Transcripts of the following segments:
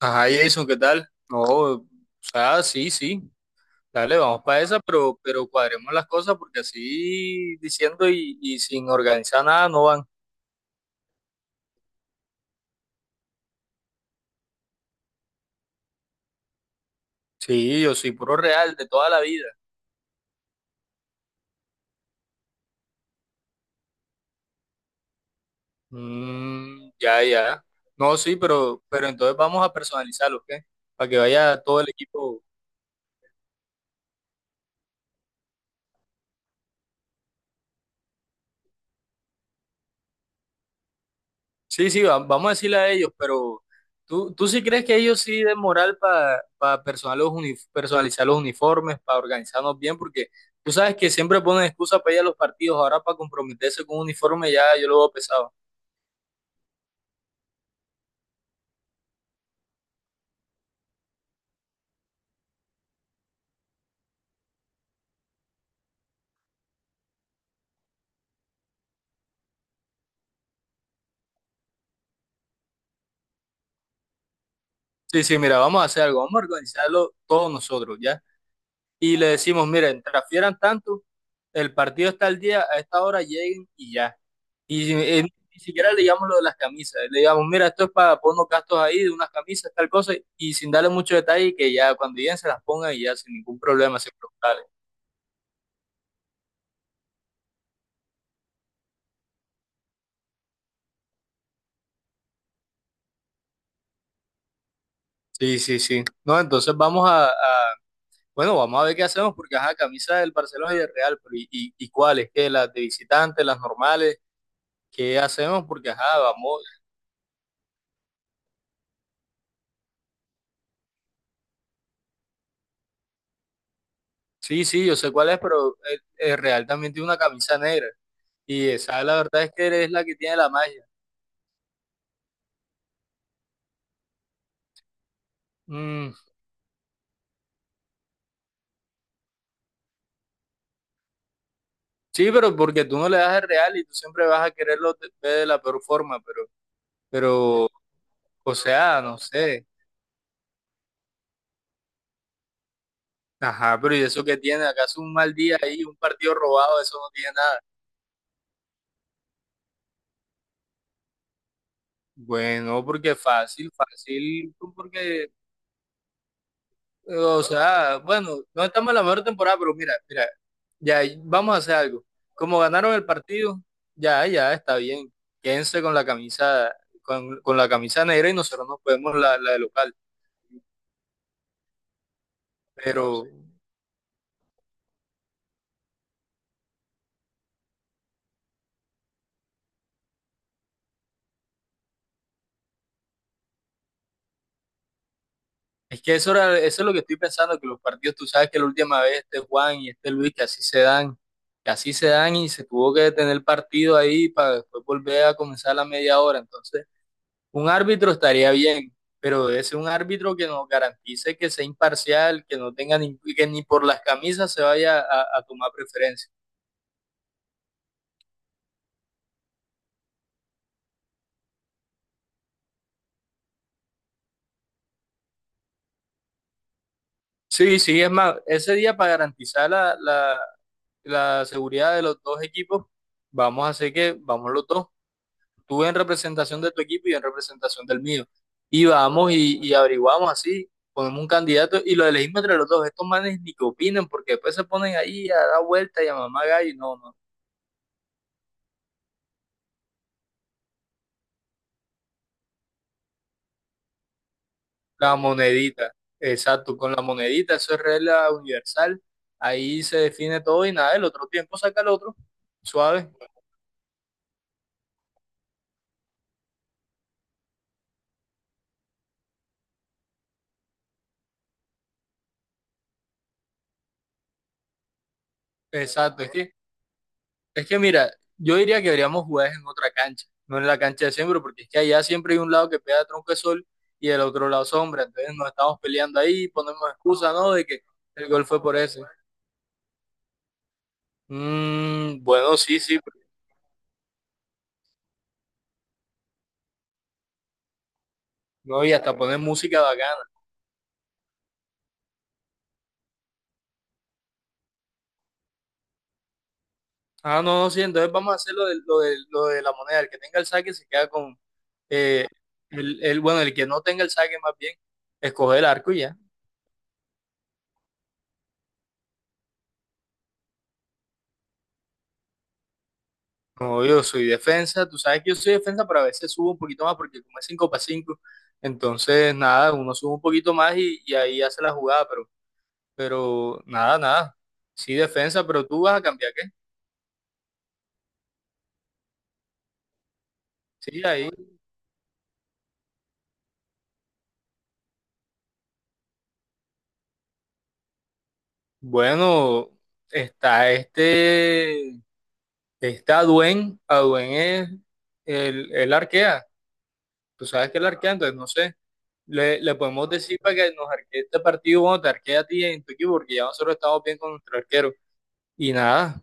Ajá, Jason, ¿qué tal? No, o sea, sí, sí, dale, vamos para esa, pero cuadremos las cosas porque así diciendo y sin organizar nada no van. Sí, yo soy puro real de toda la vida. Mm, ya, ya. No, sí, pero entonces vamos a personalizarlo, ¿qué? Para que vaya todo el equipo. Sí, sí, vamos a decirle a ellos, pero ¿tú, tú sí crees que ellos sí den moral para personalizar los uniformes, para organizarnos bien? Porque tú sabes que siempre ponen excusa para ir a los partidos, ahora para comprometerse con un uniforme ya yo lo veo pesado. Sí, sí, mira, vamos a hacer algo, vamos a organizarlo todos nosotros, ¿ya? Y le decimos, miren, transfieran tanto, el partido está al día, a esta hora lleguen y ya. Y ni siquiera le llamamos lo de las camisas. Le digamos, mira, esto es para poner unos gastos ahí de unas camisas, tal cosa, y sin darle mucho detalle, que ya cuando lleguen se las pongan y ya sin ningún problema, sin preguntarle. Sí, sí, sí. No, entonces vamos bueno, vamos a ver qué hacemos, porque ajá, camisas del Barcelona y del Real, pero ¿y cuáles? ¿Qué? ¿Las de visitantes, las normales? ¿Qué hacemos? Porque ajá, vamos. Sí, sí, yo sé cuál es, pero el Real también tiene una camisa negra. Y esa, la verdad es que es la que tiene la magia. Mm. Sí, pero porque tú no le das el real y tú siempre vas a quererlo ver de la peor forma, pero, pero, o sea, no sé. Ajá, pero ¿y eso qué tiene? ¿Acaso un mal día ahí, un partido robado, eso no tiene nada? Bueno, porque fácil, fácil, pues, porque, o sea, bueno, no estamos en la mejor temporada, pero mira, ya vamos a hacer algo. Como ganaron el partido, ya, ya está bien. Quédense con la camisa negra y nosotros nos podemos la de local. Pero, es que eso, eso es lo que estoy pensando, que los partidos, tú sabes que la última vez este Juan y este Luis, que así se dan, que así se dan y se tuvo que detener el partido ahí para después volver a comenzar la media hora. Entonces, un árbitro estaría bien, pero debe ser un árbitro que nos garantice que sea imparcial, que no tenga ni, que ni por las camisas se vaya a tomar preferencia. Sí, sí, es más, ese día para garantizar la seguridad de los dos equipos, vamos a hacer que vamos los dos. Tú en representación de tu equipo y yo en representación del mío. Y vamos y averiguamos así, ponemos un candidato y lo elegimos entre los dos. Estos manes ni que opinen porque después se ponen ahí a dar vuelta y a mamá gallo. No, no. La monedita, exacto, con la monedita, eso es regla universal. Ahí se define todo y nada, el otro tiempo saca el otro. Suave, exacto. Es que es que mira, yo diría que deberíamos jugar en otra cancha, no en la cancha de siempre, porque es que allá siempre hay un lado que pega tronco de sol y el otro lado sombra. Entonces nos estamos peleando ahí, ponemos excusa, ¿no? De que el gol fue por ese. Mm, bueno, sí, sí, pero no, y hasta poner música bacana. Ah, no, no, sí, entonces vamos a hacer lo de, lo de, lo de la moneda. El que tenga el saque se queda con eh, bueno, el que no tenga el saque más bien, escoge el arco y ya. No, yo soy defensa, tú sabes que yo soy defensa, pero a veces subo un poquito más porque como es 5 para 5 entonces nada, uno sube un poquito más y ahí hace la jugada, pero nada, nada. Sí, defensa, pero tú vas a cambiar qué. Sí, ahí. Bueno, está este, está Duen, a duen es el arquea, tú sabes que el arquea, entonces no sé, le podemos decir para que nos arquee este partido, bueno, te arquea a ti en tu equipo, porque ya nosotros estamos bien con nuestro arquero. Y nada.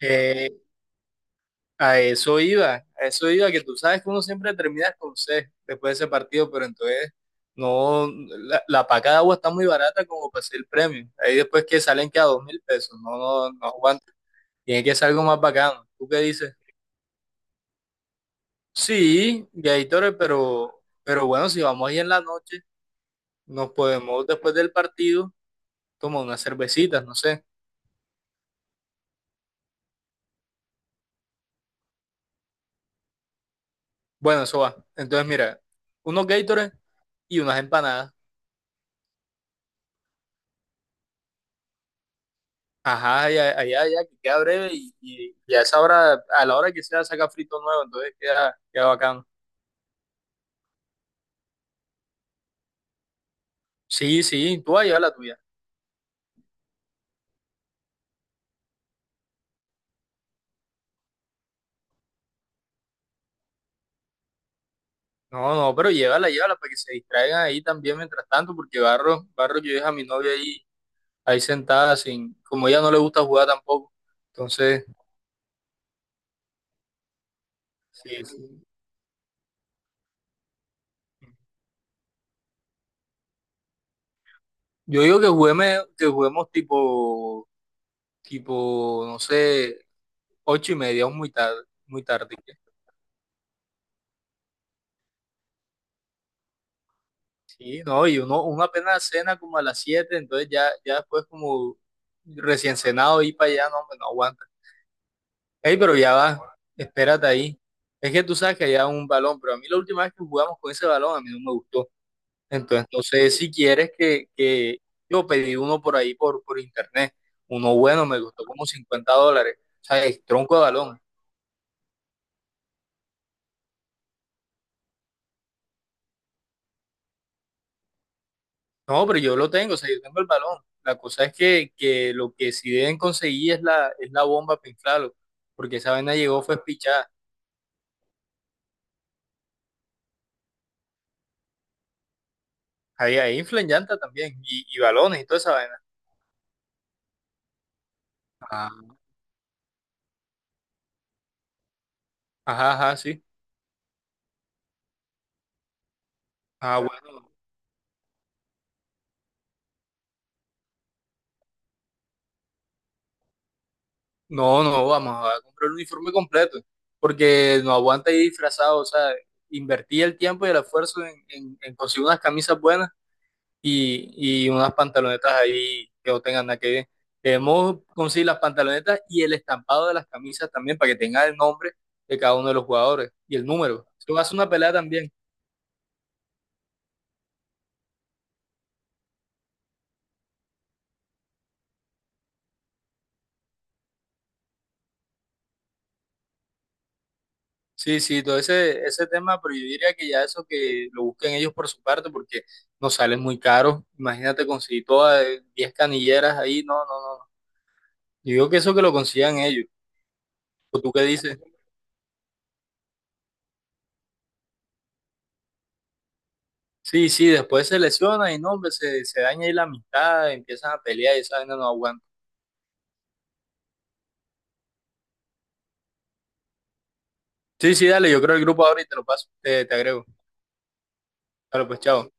Eh, a eso iba, que tú sabes que uno siempre termina con C después de ese partido, pero entonces no, la paca de agua está muy barata como para ser el premio. Ahí después que salen que a 2.000 pesos, no, no, no aguanta. Tiene que ser algo más bacano. ¿Tú qué dices? Sí, Gatorade, pero bueno, si vamos ahí en la noche, nos podemos después del partido tomar unas cervecitas, no sé. Bueno, eso va. Entonces, mira, unos Gatorade y unas empanadas. Ajá, ya allá, ya que queda breve y a esa hora, a la hora que sea, saca frito nuevo, entonces queda, queda bacano. Sí, sí, tú vas a llevar la tuya. No, no, pero llévala, llévala para que se distraigan ahí también mientras tanto, porque Barro, Barro, yo dejo a mi novia ahí, ahí sentada, sin, como ella no le gusta jugar tampoco. Entonces, sí, sí. Yo digo que juguemos tipo, tipo, no sé, ocho y media, o muy tarde, muy tarde. Sí, no, y uno, uno apenas cena como a las 7 entonces ya, ya después como recién cenado ir para allá, no, hombre, no aguanta. Ey, pero ya va, espérate ahí. Es que tú sabes que allá un balón, pero a mí la última vez que jugamos con ese balón a mí no me gustó. Entonces, no sé si quieres que yo pedí uno por ahí por internet. Uno bueno, me costó como $50. O sea, es tronco de balón. No, pero yo lo tengo, o sea, yo tengo el balón. La cosa es que lo que sí deben conseguir es es la bomba para inflarlo, porque esa vaina llegó fue pichada. Ahí, ahí inflan llanta también, y balones y toda esa vaina. Ah, ajá, ajá, sí. Ah, bueno. No, no, vamos a comprar el uniforme completo, porque no aguanta ir disfrazado, o sea, invertí el tiempo y el esfuerzo en conseguir unas camisas buenas y unas pantalonetas ahí que no tengan nada que ver. Debemos conseguir las pantalonetas y el estampado de las camisas también para que tenga el nombre de cada uno de los jugadores y el número. Eso va a ser una pelea también. Sí, sí, todo ese, ese tema, pero yo diría que ya eso que lo busquen ellos por su parte porque nos salen muy caros. Imagínate conseguir todas 10 canilleras ahí, no, no, no. No. Yo digo que eso que lo consigan ellos. ¿O tú qué dices? Sí, sí, después se lesiona y no, hombre, se daña ahí la amistad, empiezan a pelear y esa vaina no aguanta. Sí, sí, dale, yo creo el grupo ahora y te lo paso, te agrego. Dale, pues, chao.